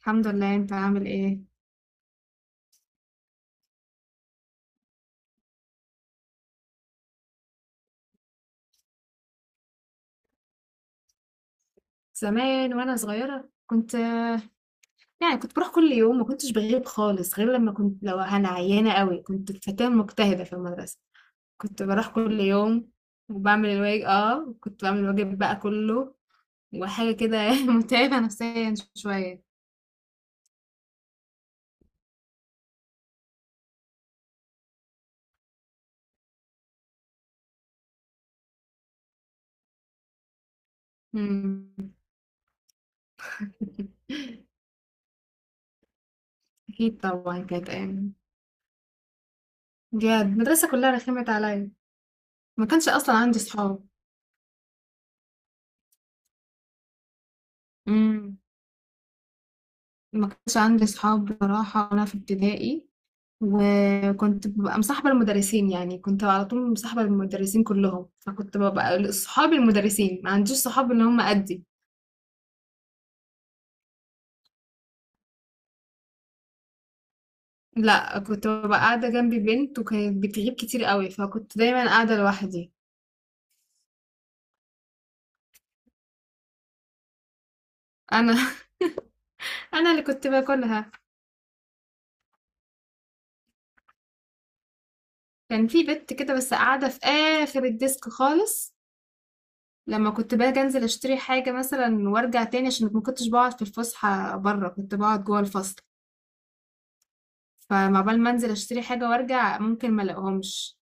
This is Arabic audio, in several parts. الحمد لله، انت عامل ايه؟ زمان وانا صغيره يعني كنت بروح كل يوم، ما كنتش بغيب خالص غير لما كنت لو انا عيانه قوي. كنت فتاه مجتهده في المدرسه، كنت بروح كل يوم وبعمل الواجب. اه، كنت بعمل الواجب بقى كله وحاجه كده متعبه نفسيا شويه. مم. اكيد طبعا، كانت ايام بجد. المدرسه كلها رخمت عليا، ما كانش اصلا عندي صحاب. ما كانش عندي صحاب بصراحة وأنا في ابتدائي، وكنت ببقى مصاحبة المدرسين، يعني كنت على طول مصاحبة المدرسين كلهم، فكنت ببقى صحاب المدرسين، ما عنديش صحاب اللي هم قدي. لا، كنت ببقى قاعدة جنبي بنت وكانت بتغيب كتير قوي، فكنت دايما قاعدة لوحدي. أنا أنا اللي كنت باكلها. كان في بنت كده بس قاعدة في آخر الديسك خالص. لما كنت باجي انزل اشتري حاجة مثلا وارجع تاني، عشان ما كنتش بقعد في الفسحة بره كنت بقعد جوه الفصل، فما بال ما انزل اشتري حاجة وارجع ممكن ما الاقيهمش.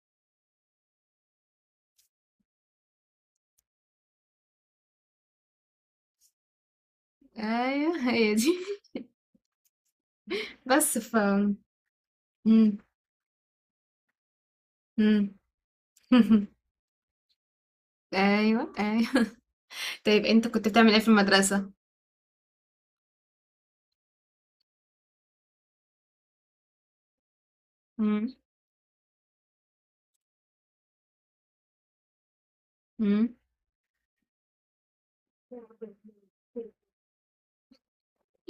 ايوه، هي دي. بس مم. مم. ايوه، ايوه. طيب انت كنت بتعمل ايه في المدرسة؟ مم. مم.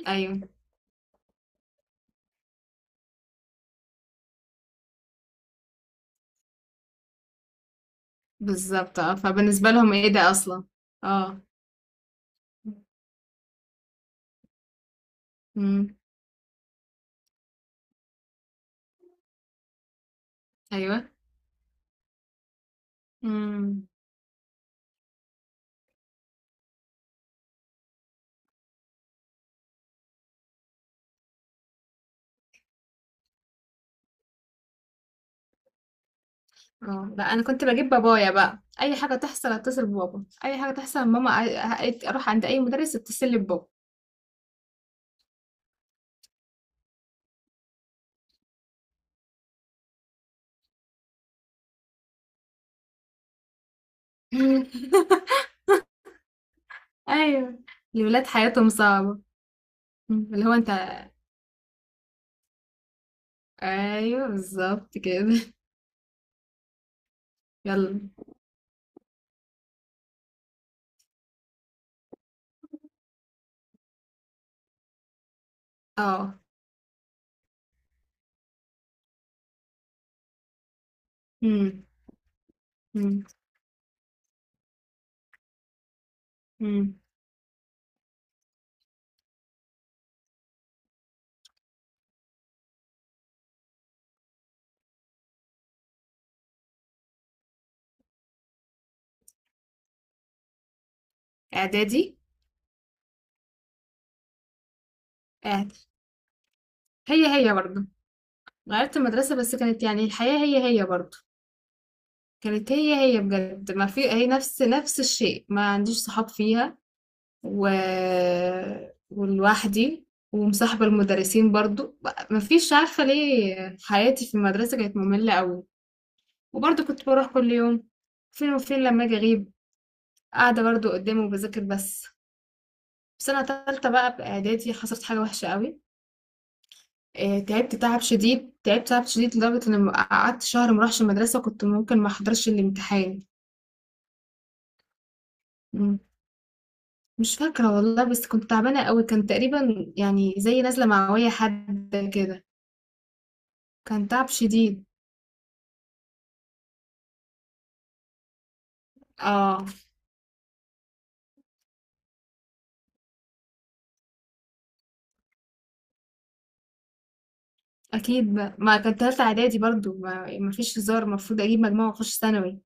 ايوه بالظبط. اه، فبالنسبة لهم ايه ده اصلا. اه. مم. ايوه. مم. اه لا، انا كنت بجيب بابايا بقى، اي حاجة تحصل اتصل ببابا، اي حاجة تحصل ماما، اروح عند اي مدرس اتصل لي ببابا. ايوه، الولاد حياتهم صعبة. مم. اللي هو انت، ايوه بالظبط كده. يلا. اه. مم. مم. مم. اعدادي. اعد هي، هي برضه. غيرت المدرسة بس كانت يعني الحياة هي هي برضه. كانت هي هي بجد، ما في، هي نفس الشيء، ما عنديش صحاب فيها و... ولوحدي، ومصاحبة المدرسين برضه. ما فيش، عارفة ليه حياتي في المدرسة كانت مملة قوي، وبرضه كنت بروح كل يوم. فين وفين لما اجي اغيب، قاعدة برضه قدامه وبذاكر بس. في سنة تالتة بقى بإعدادي حصلت حاجة وحشة قوي. تعبت تعب شديد، تعبت تعب شديد لدرجة إن قعدت شهر مروحش المدرسة، كنت ممكن ما أحضرش الامتحان. مم. مش فاكرة والله، بس كنت تعبانة قوي، كان تقريبا يعني زي نازلة معوية حد كده. كان تعب شديد. اه اكيد بقى. ما كان تالتة اعدادي برضو، ما ما فيش هزار، المفروض اجيب مجموعة واخش ثانوي.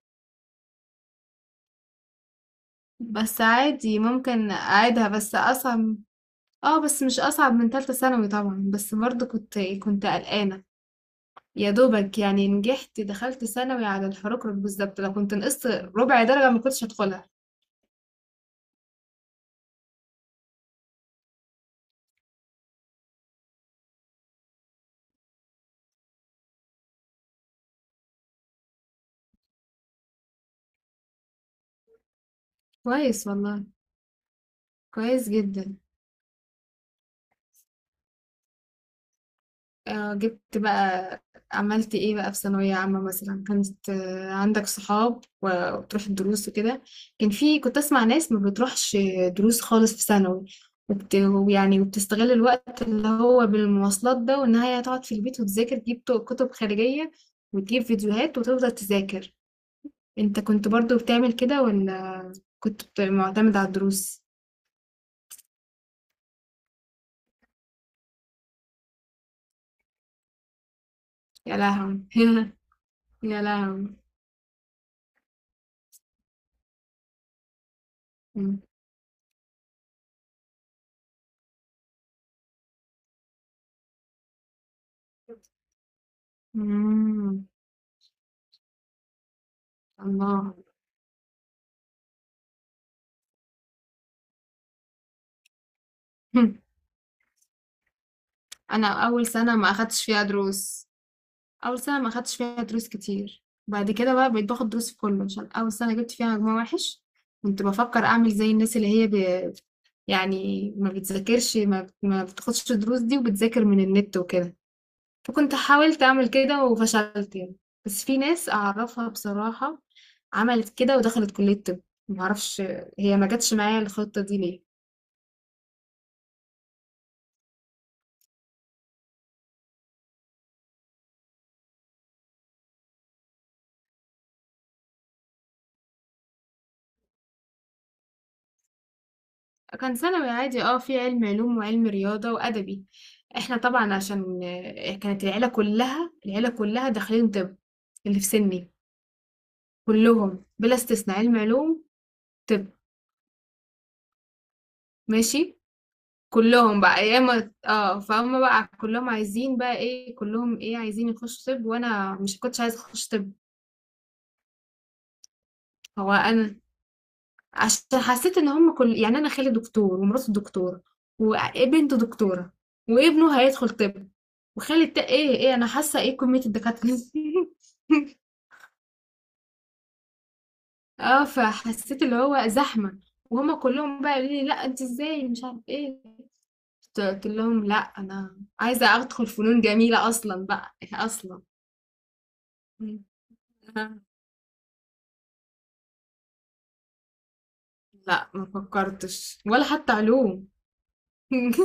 بس عادي ممكن اعيدها، بس اصعب. اه، بس مش اصعب من تالتة ثانوي طبعا، بس برضو كنت قلقانة. يا دوبك يعني نجحت، دخلت ثانوي على الحركرك بالظبط، لو كنت نقصت ربع درجة ما كنتش هدخلها. كويس والله، كويس جدا. آه جبت بقى، عملت ايه بقى في ثانوية عامة مثلا؟ كانت عندك صحاب و- وبتروح الدروس وكده؟ كان في، كنت اسمع ناس ما بتروحش دروس خالص في ثانوي، وبت... يعني وبتستغل الوقت اللي هو بالمواصلات ده، وان هي هتقعد في البيت وتذاكر، تجيب كتب خارجية وتجيب فيديوهات وتفضل تذاكر. انت كنت برضو بتعمل كده ولا كنت معتمد على الدروس؟ يا لهوي. يا لهوي. مم. مم. الله. انا اول سنه ما اخدتش فيها دروس، اول سنه ما اخدتش فيها دروس كتير، بعد كده بقى بقيت باخد دروس في كله عشان اول سنه جبت فيها مجموع وحش. كنت بفكر اعمل زي الناس اللي هي ب... يعني ما بتذاكرش، ما بتاخدش دروس دي وبتذاكر من النت وكده. فكنت حاولت أعمل كده وفشلت يعني، بس في ناس أعرفها بصراحة عملت كده ودخلت كلية طب. معرفش هي ما جاتش معايا الخطة دي ليه. كان ثانوي عادي، اه في علم علوم وعلم رياضة وأدبي. احنا طبعا عشان كانت العيلة كلها داخلين طب، اللي في سني كلهم بلا استثناء علم علوم. طب، ماشي. كلهم بقى، يا اما اه فهم بقى كلهم عايزين بقى ايه، كلهم ايه عايزين يخشوا طب، وانا مش كنتش عايزه اخش طب. هو انا عشان حسيت ان هم كل يعني، انا خالي دكتور ومراته دكتوره وبنته دكتوره وابنه هيدخل طب، وخالي ايه ايه انا حاسه ايه كميه الدكاتره دي؟ اه فحسيت اللي هو زحمه، وهما كلهم بقى قالوا لي لا انت ازاي مش عارف ايه. قلت لهم لا، انا عايزه ادخل فنون جميله اصلا بقى اصلا. لا ما فكرتش ولا حتى علوم.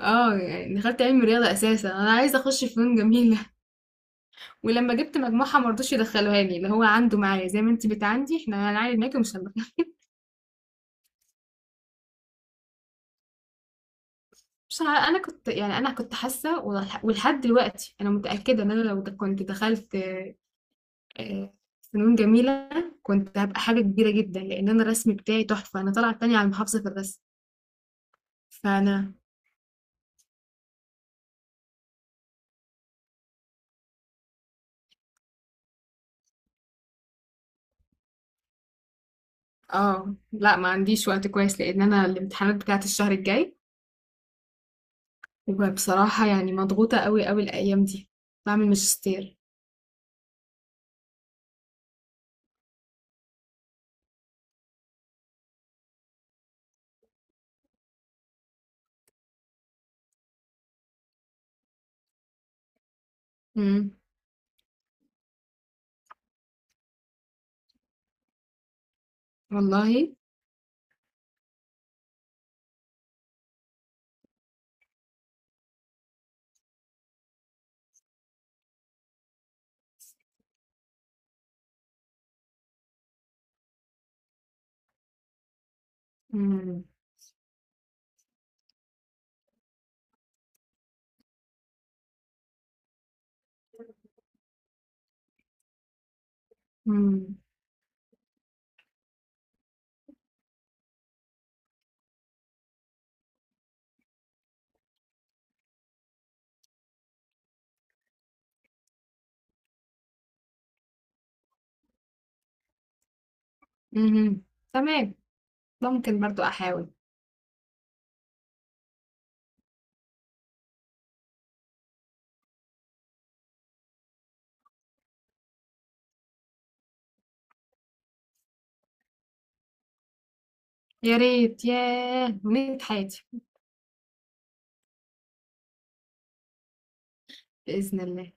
اه، يعني دخلت علم رياضة اساسا انا عايزة اخش فنون جميلة. ولما جبت مجموعة مرضوش يدخلوها لي، اللي هو عنده معايا زي ما انت بتعندي، احنا هنعاني معاكي ومش هندخل. مش عارفة، انا كنت يعني انا كنت حاسة ولحد دلوقتي انا متأكدة ان انا لو كنت دخلت آه، فنون جميلة كنت هبقى حاجة كبيرة جدا، لان انا الرسم بتاعي تحفة، انا طالعة التانية على المحافظة في الرسم. فانا اه لا، ما عنديش وقت كويس لان انا الامتحانات بتاعت الشهر الجاي، وبصراحة يعني مضغوطة قوي قوي الايام دي، بعمل ماجستير. إمم، والله! إمم، إمم، اهم، تمام، ممكن برضه أحاول. يا ريت، ياه! أمنية حياتي. بإذن الله.